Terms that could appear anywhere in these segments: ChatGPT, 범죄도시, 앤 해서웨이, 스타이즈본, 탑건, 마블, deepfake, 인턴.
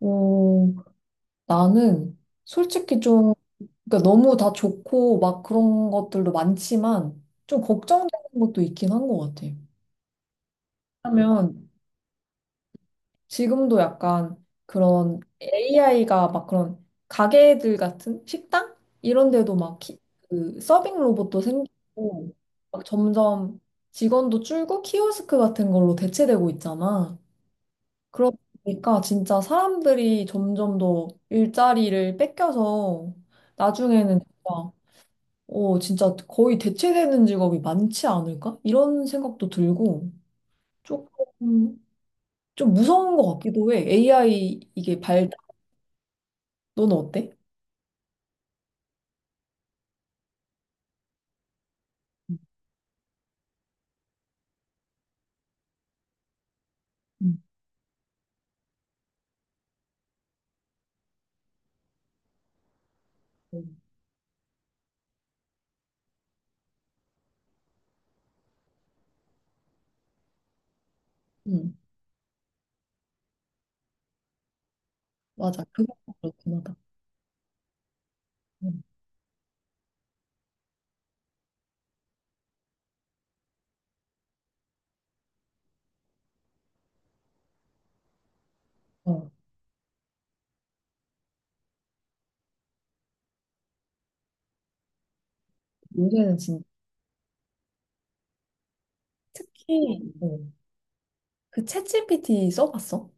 어, 나는 솔직히 좀, 그러니까 너무 다 좋고 막 그런 것들도 많지만 좀 걱정되는 것도 있긴 한 것 같아. 왜냐면 지금도 약간 그런 AI가 막 그런 가게들 같은 식당? 이런 데도 막 그 서빙 로봇도 생기고 막 점점 직원도 줄고 키오스크 같은 걸로 대체되고 있잖아. 그러다 보니까 진짜 사람들이 점점 더 일자리를 뺏겨서 나중에는 진짜, 진짜 거의 대체되는 직업이 많지 않을까? 이런 생각도 들고 조금 좀 무서운 것 같기도 해. AI 이게 발달, 너는 어때? 음, 음, 음. 응, 맞아. 그거 그렇긴 하다. 음, 어, 요새는 진짜 특히 그 챗GPT 써봤어?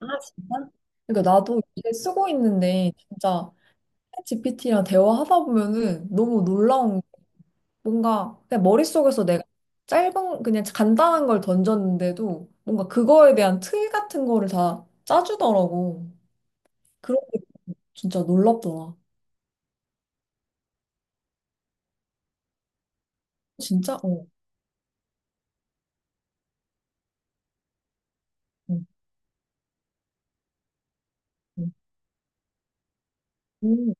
아, 진짜? 그러니까 나도 이제 쓰고 있는데 진짜 GPT랑 대화하다 보면은 너무 놀라운 게 뭔가 그냥 머릿속에서 내가 짧은 그냥 간단한 걸 던졌는데도 뭔가 그거에 대한 틀 같은 거를 다 짜주더라고. 그런 게 진짜 놀랍더라. 진짜? 어. 응, 응. 음,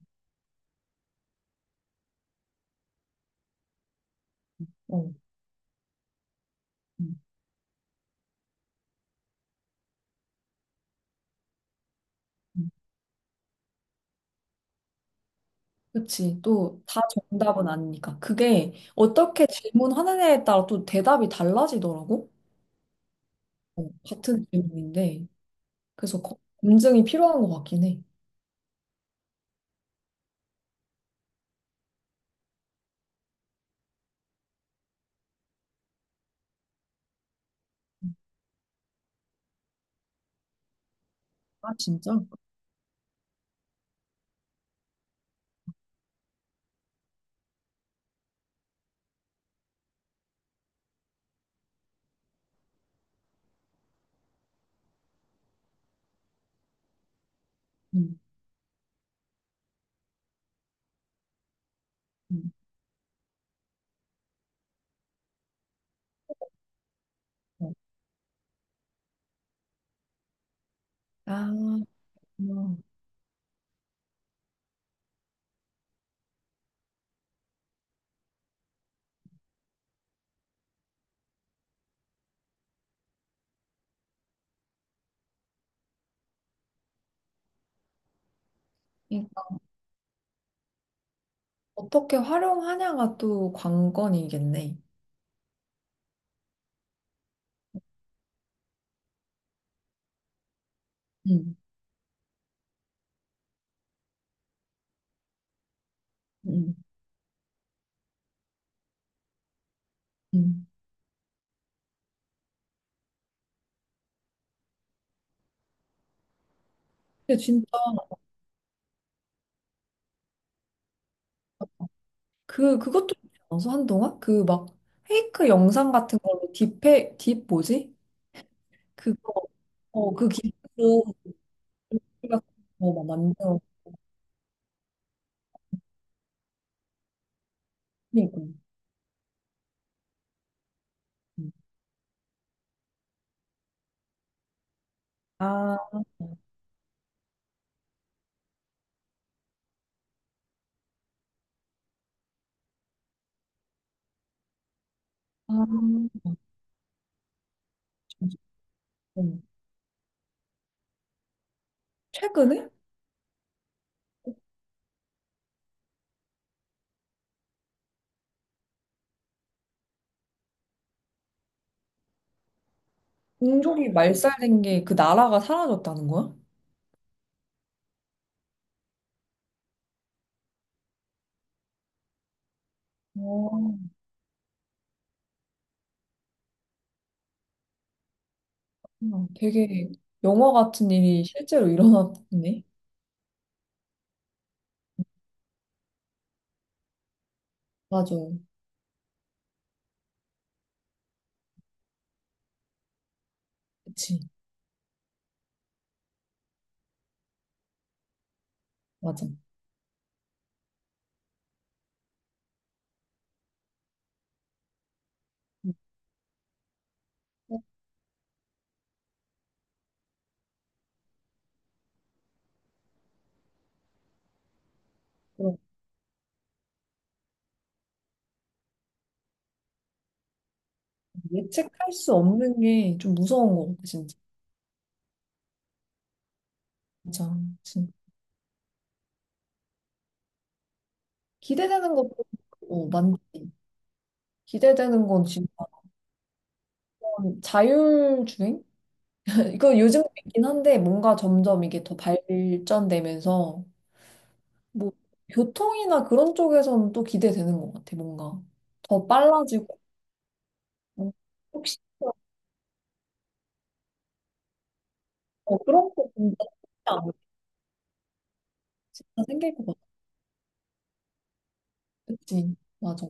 어. 응, 응. 그치. 또 다 정답은 아니니까. 그게 어떻게 질문하느냐에 따라 또 대답이 달라지더라고. 어, 같은 질문인데. 그래서 검증이 필요한 것 같긴 해. 응. 아, 진짜? 응. 응. 어, 아, 어. 이 어떻게 활용하냐가 또 관건이겠네. 음, 음, 음. 근데 진짜 그 그것도 있어서 한동안 그 막 페이크 영상 같은 걸로 딥페 딥 뭐지? 그거 어그 기술로 우리가 뭐 만들어. 그러니까. 음. 아, 아 진짜. 음. 최근에 공족이 말살된 게 그 나라가 사라졌다는 거야? 어, 되게 영화 같은 일이 실제로 일어났네. 맞아. 그치? 맞아. 음. 그런 예측할 수 없는 게 좀 무서운 것 같아, 진짜. 진짜, 진- 기대되는 것도 많지. 기대되는 건 진짜 자율주행? 이거 요즘도 있긴 한데 뭔가 점점 이게 더 발전되면서 뭐 교통이나 그런 쪽에서는 또 기대되는 것 같아, 뭔가. 더 빨라지고. 어, 혹시 어, 그런 거 진짜 생기지 않을까? 진짜 생길 것 같아. 그치? 맞아.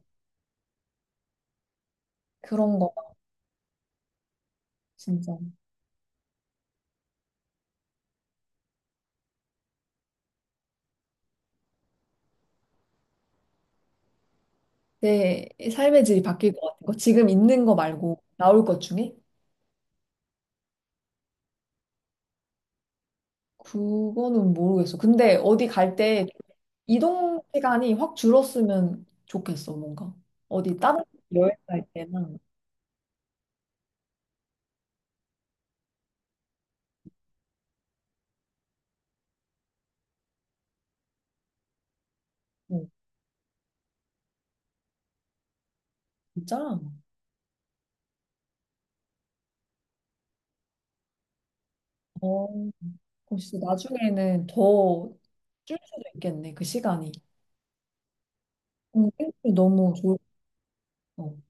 그런 거 진짜. 내 삶의 질이 바뀔 것 같은 거. 지금 있는 거 말고 나올 것 중에? 그거는 모르겠어. 근데 어디 갈 때 이동 시간이 확 줄었으면 좋겠어, 뭔가. 어디 다른 여행 갈 때나. 어, 진짜? 어, 그럼 진짜 나중에는 더 줄 수도 있겠네, 그 시간이. 생각이 너무 좋을 것 같아.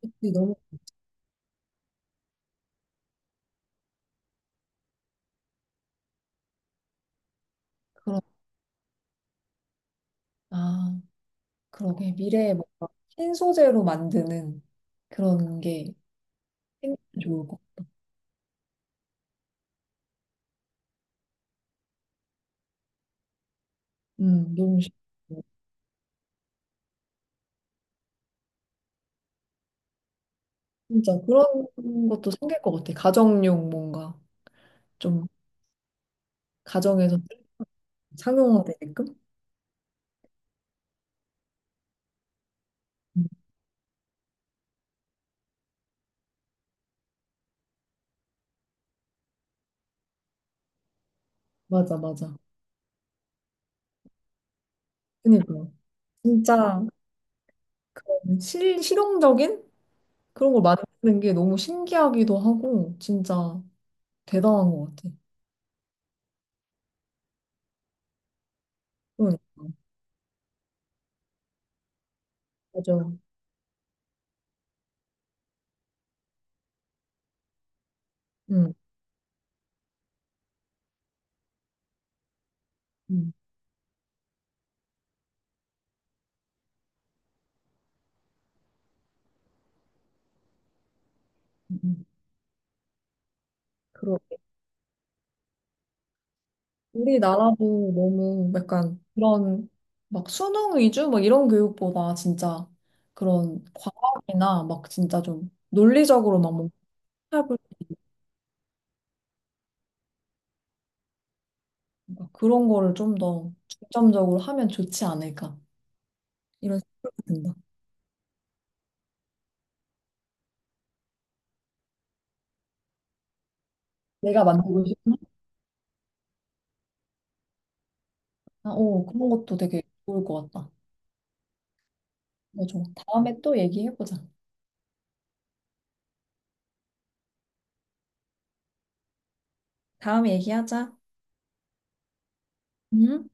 그치, 너무 그런, 아, 그러게. 미래에 뭔가 신소재로 만드는 그런 게 생기면 좋을 것 같아. 너무 싫어. 진짜 그런 것도 생길 것 같아. 가정용 뭔가 좀 가정에서 상용화되게끔? 음, 맞아 맞아. 그니까 진짜 실 실용적인 그런 걸 만드는 게 너무 신기하기도 하고 진짜 대단한 것 같아. 그러니까 맞아. 응, 응, 응. 응. 그러게. 우리나라도 너무 약간 그런 막 수능 위주 막 이런 교육보다 진짜 그런 과학이나 막 진짜 좀 논리적으로 막 뭔가 뭔가 그런 거를 좀 더 중점적으로 하면 좋지 않을까 이런 생각이 든다. 내가 만들고 싶은 아, 오, 그런 것도 되게 좋을 것 같다. 맞아. 다음에 또 얘기해보자. 다음에 얘기하자. 응?